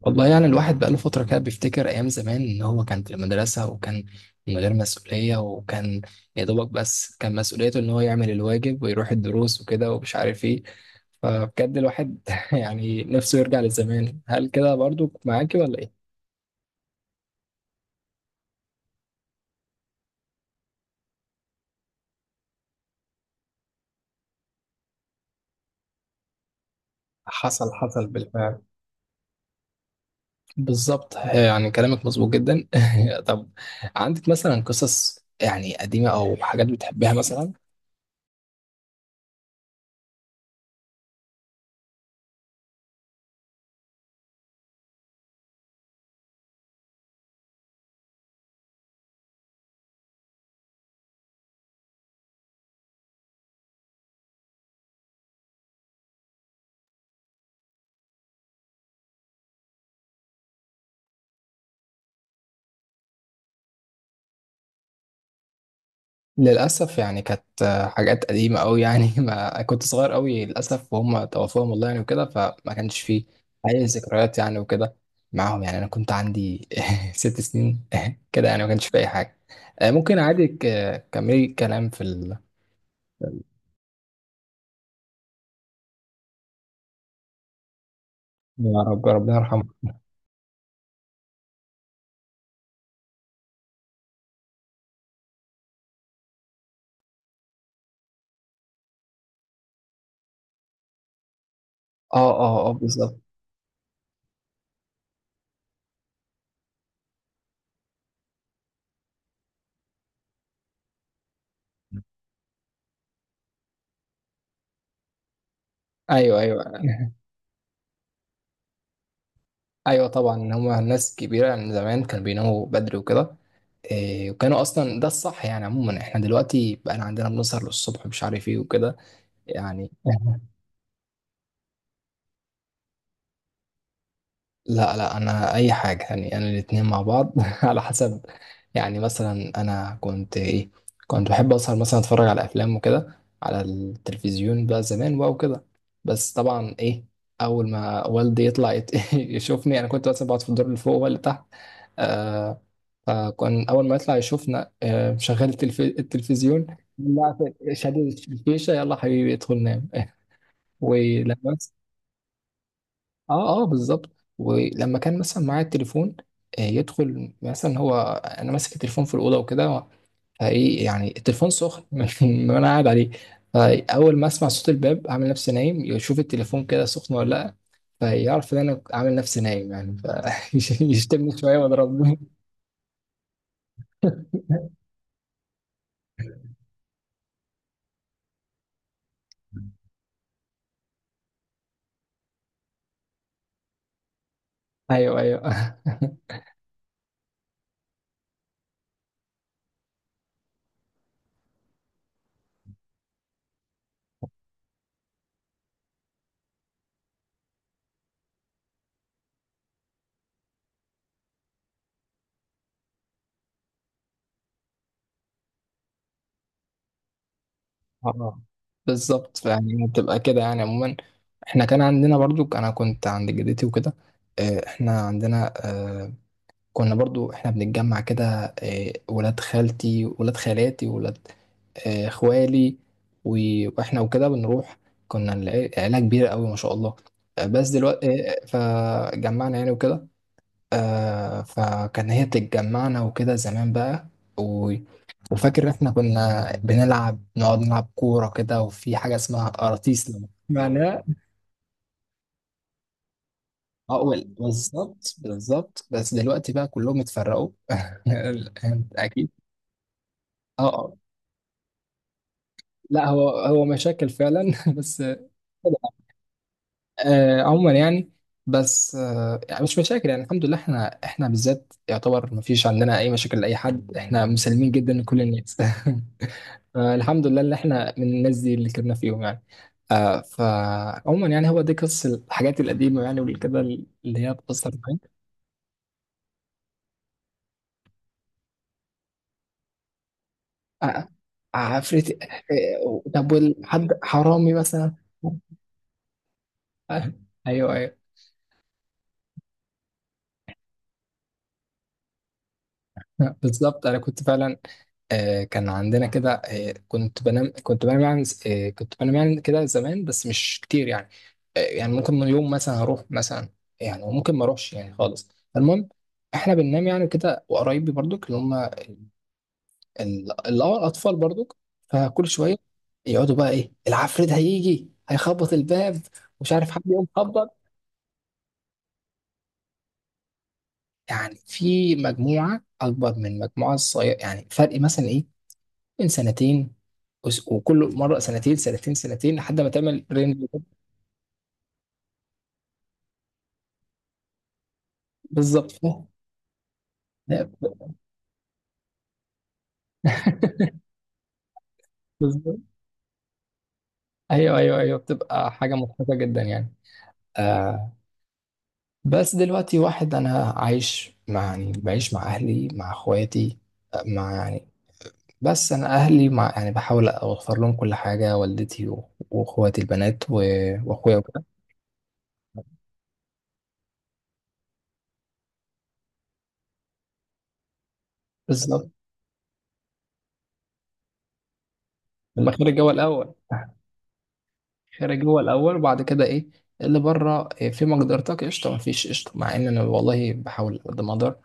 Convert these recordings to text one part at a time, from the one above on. والله يعني الواحد بقاله فترة كده بيفتكر أيام زمان إن هو كان في المدرسة وكان من غير مسؤولية، وكان يا دوبك بس كان مسؤوليته إن هو يعمل الواجب ويروح الدروس وكده ومش عارف إيه. فبجد الواحد يعني نفسه يرجع للزمان. هل كده برضو معاكي ولا إيه؟ حصل حصل بالفعل. بالظبط، يعني كلامك مظبوط جدا. طب، عندك مثلا قصص يعني قديمة أو حاجات بتحبها مثلا؟ للأسف يعني كانت حاجات قديمة أوي، يعني ما كنت صغير أوي للأسف، وهم توفوهم الله يعني وكده، فما كانش فيه أي ذكريات يعني وكده معاهم. يعني أنا كنت عندي ست سنين كده، يعني ما كانش فيه أي حاجة. ممكن عادي، كملي كلام. يا رب، ربنا يرحمه. اه اه اه، بالظبط. ايوه ايوه ايوه، طبعا هما ناس كبيره من زمان كانوا بيناموا بدري وكده. إيه، وكانوا اصلا ده الصح يعني. عموما احنا دلوقتي بقى عندنا بنسهر للصبح مش عارف ايه وكده يعني. لا لا، انا اي حاجه، يعني انا الاتنين مع بعض على حسب. يعني مثلا انا كنت ايه، كنت بحب اسهر مثلا، اتفرج على افلام وكده على التلفزيون بقى زمان بقى وكده. بس طبعا ايه، اول ما والدي يطلع يشوفني، انا كنت مثلا بقعد في الدور اللي فوق ولا تحت. آه فكان اول ما يطلع يشوفنا شغال التلفزيون. لا، شادد الفيشه. يلا حبيبي، ادخل نام. ولما اه اه، بالظبط. ولما كان مثلا معايا التليفون، يدخل مثلا هو، انا ماسك التليفون في الاوضه وكده، فايه يعني التليفون سخن من وانا قاعد عليه. فاول ما اسمع صوت الباب اعمل نفسي نايم، يشوف التليفون كده سخن ولا لا، فيعرف ان انا عامل نفسي نايم يعني، فيشتمني شويه واضربني. ايوه ايوه اه بالظبط. فيعني بتبقى كده يعني عموما. احنا كان عندنا برضو، انا كنت عند جدتي وكده. احنا عندنا، كنا برضو احنا بنتجمع كده، ولاد خالتي، ولاد خالاتي، ولاد اخوالي، واحنا وكده بنروح. كنا عيلة كبيرة قوي ما شاء الله. بس دلوقتي فجمعنا يعني وكده. فكان هي بتتجمعنا وكده زمان بقى. و- وفاكر احنا كنا بنلعب، نقعد نلعب كورة كده، وفي حاجة اسمها قراطيس لما معناها. اه بالظبط بالظبط. بس دلوقتي بقى كلهم اتفرقوا أنت اكيد. اه آه. لا، هو مشاكل فعلا بس. عموما يعني، بس يعني مش مشاكل. يعني الحمد لله احنا، احنا بالذات يعتبر ما فيش عندنا اي مشاكل لاي حد، احنا مسلمين جدا لكل الناس. فالحمد لله اللي احنا من الناس دي اللي كنا فيهم يعني. فعموما يعني هو دي قصة الحاجات القديمة يعني، والكده اللي هي بتأثر معاك. آه عفريت. طب، والحد حرامي مثلا؟ آه ايوه ايوه بالظبط، انا كنت فعلا. كان عندنا كده، كنت بنام يعني، كنت بنام يعني كده زمان، بس مش كتير يعني. يعني ممكن من يوم مثلا هروح مثلا، يعني وممكن ما اروحش يعني خالص. المهم احنا بننام يعني كده، وقرايبي برضك اللي هم اللي هو الاطفال برضك. فكل شويه يقعدوا بقى ايه، العفريت هيجي هيخبط الباب، ومش عارف حد يقوم خبط. يعني في مجموعه اكبر من مجموعه صغيره، يعني فرق مثلا من سنتين، وكل مره سنتين سنتين سنتين لحد ما تعمل رينج كده. بالظبط، فاهم. لا، بالظبط. ايوه ايوه ايوه، بتبقى حاجه مضحكه جدا يعني. آه بس دلوقتي واحد انا عايش مع يعني بعيش مع اهلي، مع اخواتي، مع يعني. بس انا اهلي، مع يعني بحاول اوفر لهم كل حاجه، والدتي واخواتي البنات واخويا وكده. بالظبط، الخير الجو الاول، خارج هو الاول، وبعد كده ايه اللي بره في مقدرتك قشطه، ما فيش قشطه، مع ان انا والله بحاول قد ما اقدر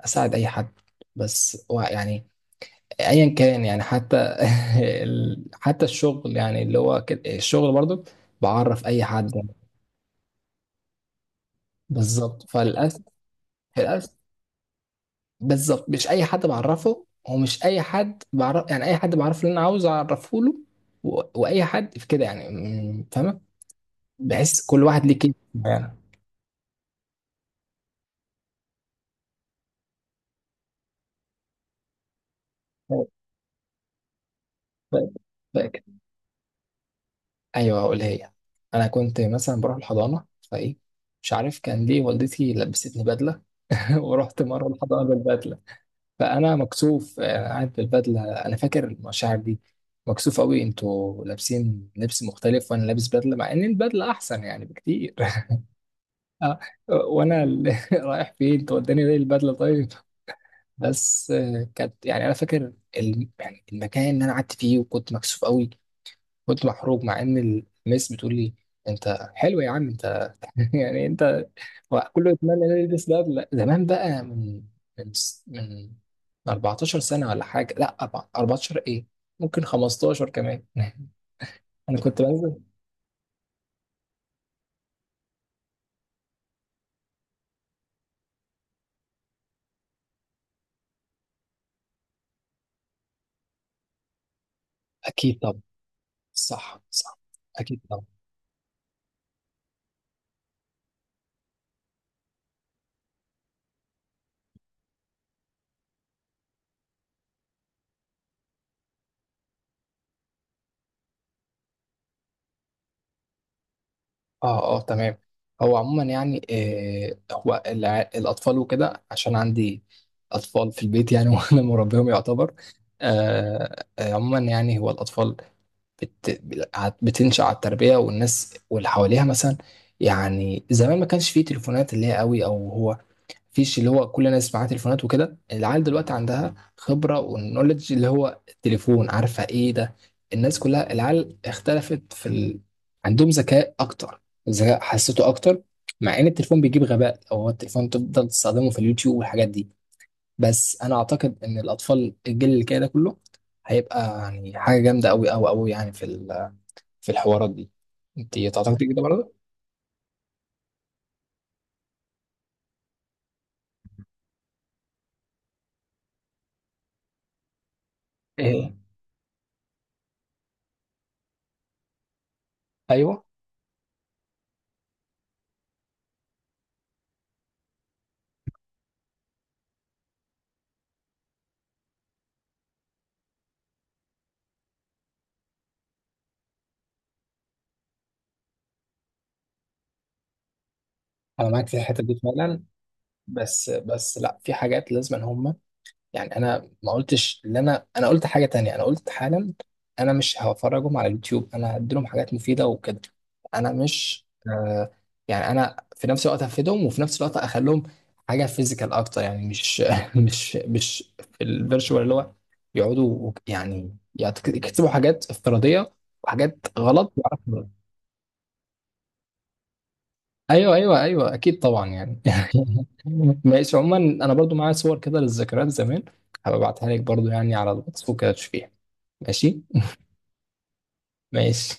اساعد اي حد. بس هو يعني ايا كان يعني، حتى حتى الشغل يعني، اللي هو كده الشغل برضو بعرف اي حد يعني. بالظبط، فللاسف. للاسف، بالظبط، مش اي حد بعرفه، ومش اي حد بعرف يعني، اي حد بعرف اللي انا عاوز اعرفه له، واي حد في كده يعني، فاهمه. بحس كل واحد ليه كده يعني. ف... ف... ايوه، هقولها هي. انا كنت مثلا بروح الحضانه فايه، مش عارف كان ليه والدتي لبستني بدله ورحت مره الحضانه بالبدله. فانا مكسوف، قاعد بالبدله، انا فاكر المشاعر دي، مكسوف قوي، انتوا لابسين لبس مختلف وانا لابس بدله، مع ان البدله احسن يعني بكتير. آه، وانا رايح فين، توداني ليه البدله طيب. بس كانت يعني، انا فاكر يعني المكان اللي انا قعدت فيه، وكنت مكسوف قوي، كنت محروق، مع ان المس بتقول لي انت حلو يا عم. يعني انت، هو كله يتمنى انه يلبس بدله زمان بقى، من 14 سنه ولا حاجه، لا أربع- 14 ايه، ممكن 15 كمان. انا كنت بنزل. اكيد طبعا. صح صح، اكيد طبعا. اه اه، تمام. هو عموما يعني، هو الاطفال وكده، عشان عندي اطفال في البيت يعني وانا مربيهم يعتبر. عموما يعني هو الاطفال بت... بتنشأ على التربية والناس واللي حواليها مثلا. يعني زمان ما كانش فيه تليفونات اللي هي قوي، او هو فيش اللي هو كل الناس معاها تليفونات وكده. العيال دلوقتي عندها خبرة، والنولج اللي هو التليفون، عارفة ايه ده. الناس كلها، العيال اختلفت عندهم ذكاء اكتر، ذكاء حسيته اكتر، مع ان التليفون بيجيب غباء، او هو التليفون تفضل تستخدمه في اليوتيوب والحاجات دي. بس انا اعتقد ان الاطفال، الجيل اللي كده ده كله، هيبقى يعني حاجة جامدة قوي قوي قوي يعني في الحوارات دي. انت تعتقدي كده برضه؟ ايه ايوه، انا معاك في الحته دي فعلا. بس لا، في حاجات لازم ان هم يعني. انا ما قلتش ان انا قلت حاجه تانية، انا قلت حالا انا مش هفرجهم على اليوتيوب، انا هديلهم حاجات مفيده وكده. انا مش يعني، انا في نفس الوقت هفيدهم، وفي نفس الوقت اخليهم حاجه فيزيكال اكتر يعني، مش مش في الفيرتشوال اللي هو يقعدوا يعني يكتبوا حاجات افتراضيه وحاجات غلط. ايوه ايوه ايوه، اكيد طبعا يعني. ماشي. عموما انا برضو معايا صور كده للذكريات زمان، هبقى ابعتها لك برضو يعني على الواتس وكده تشوفيها. ماشي. ماشي.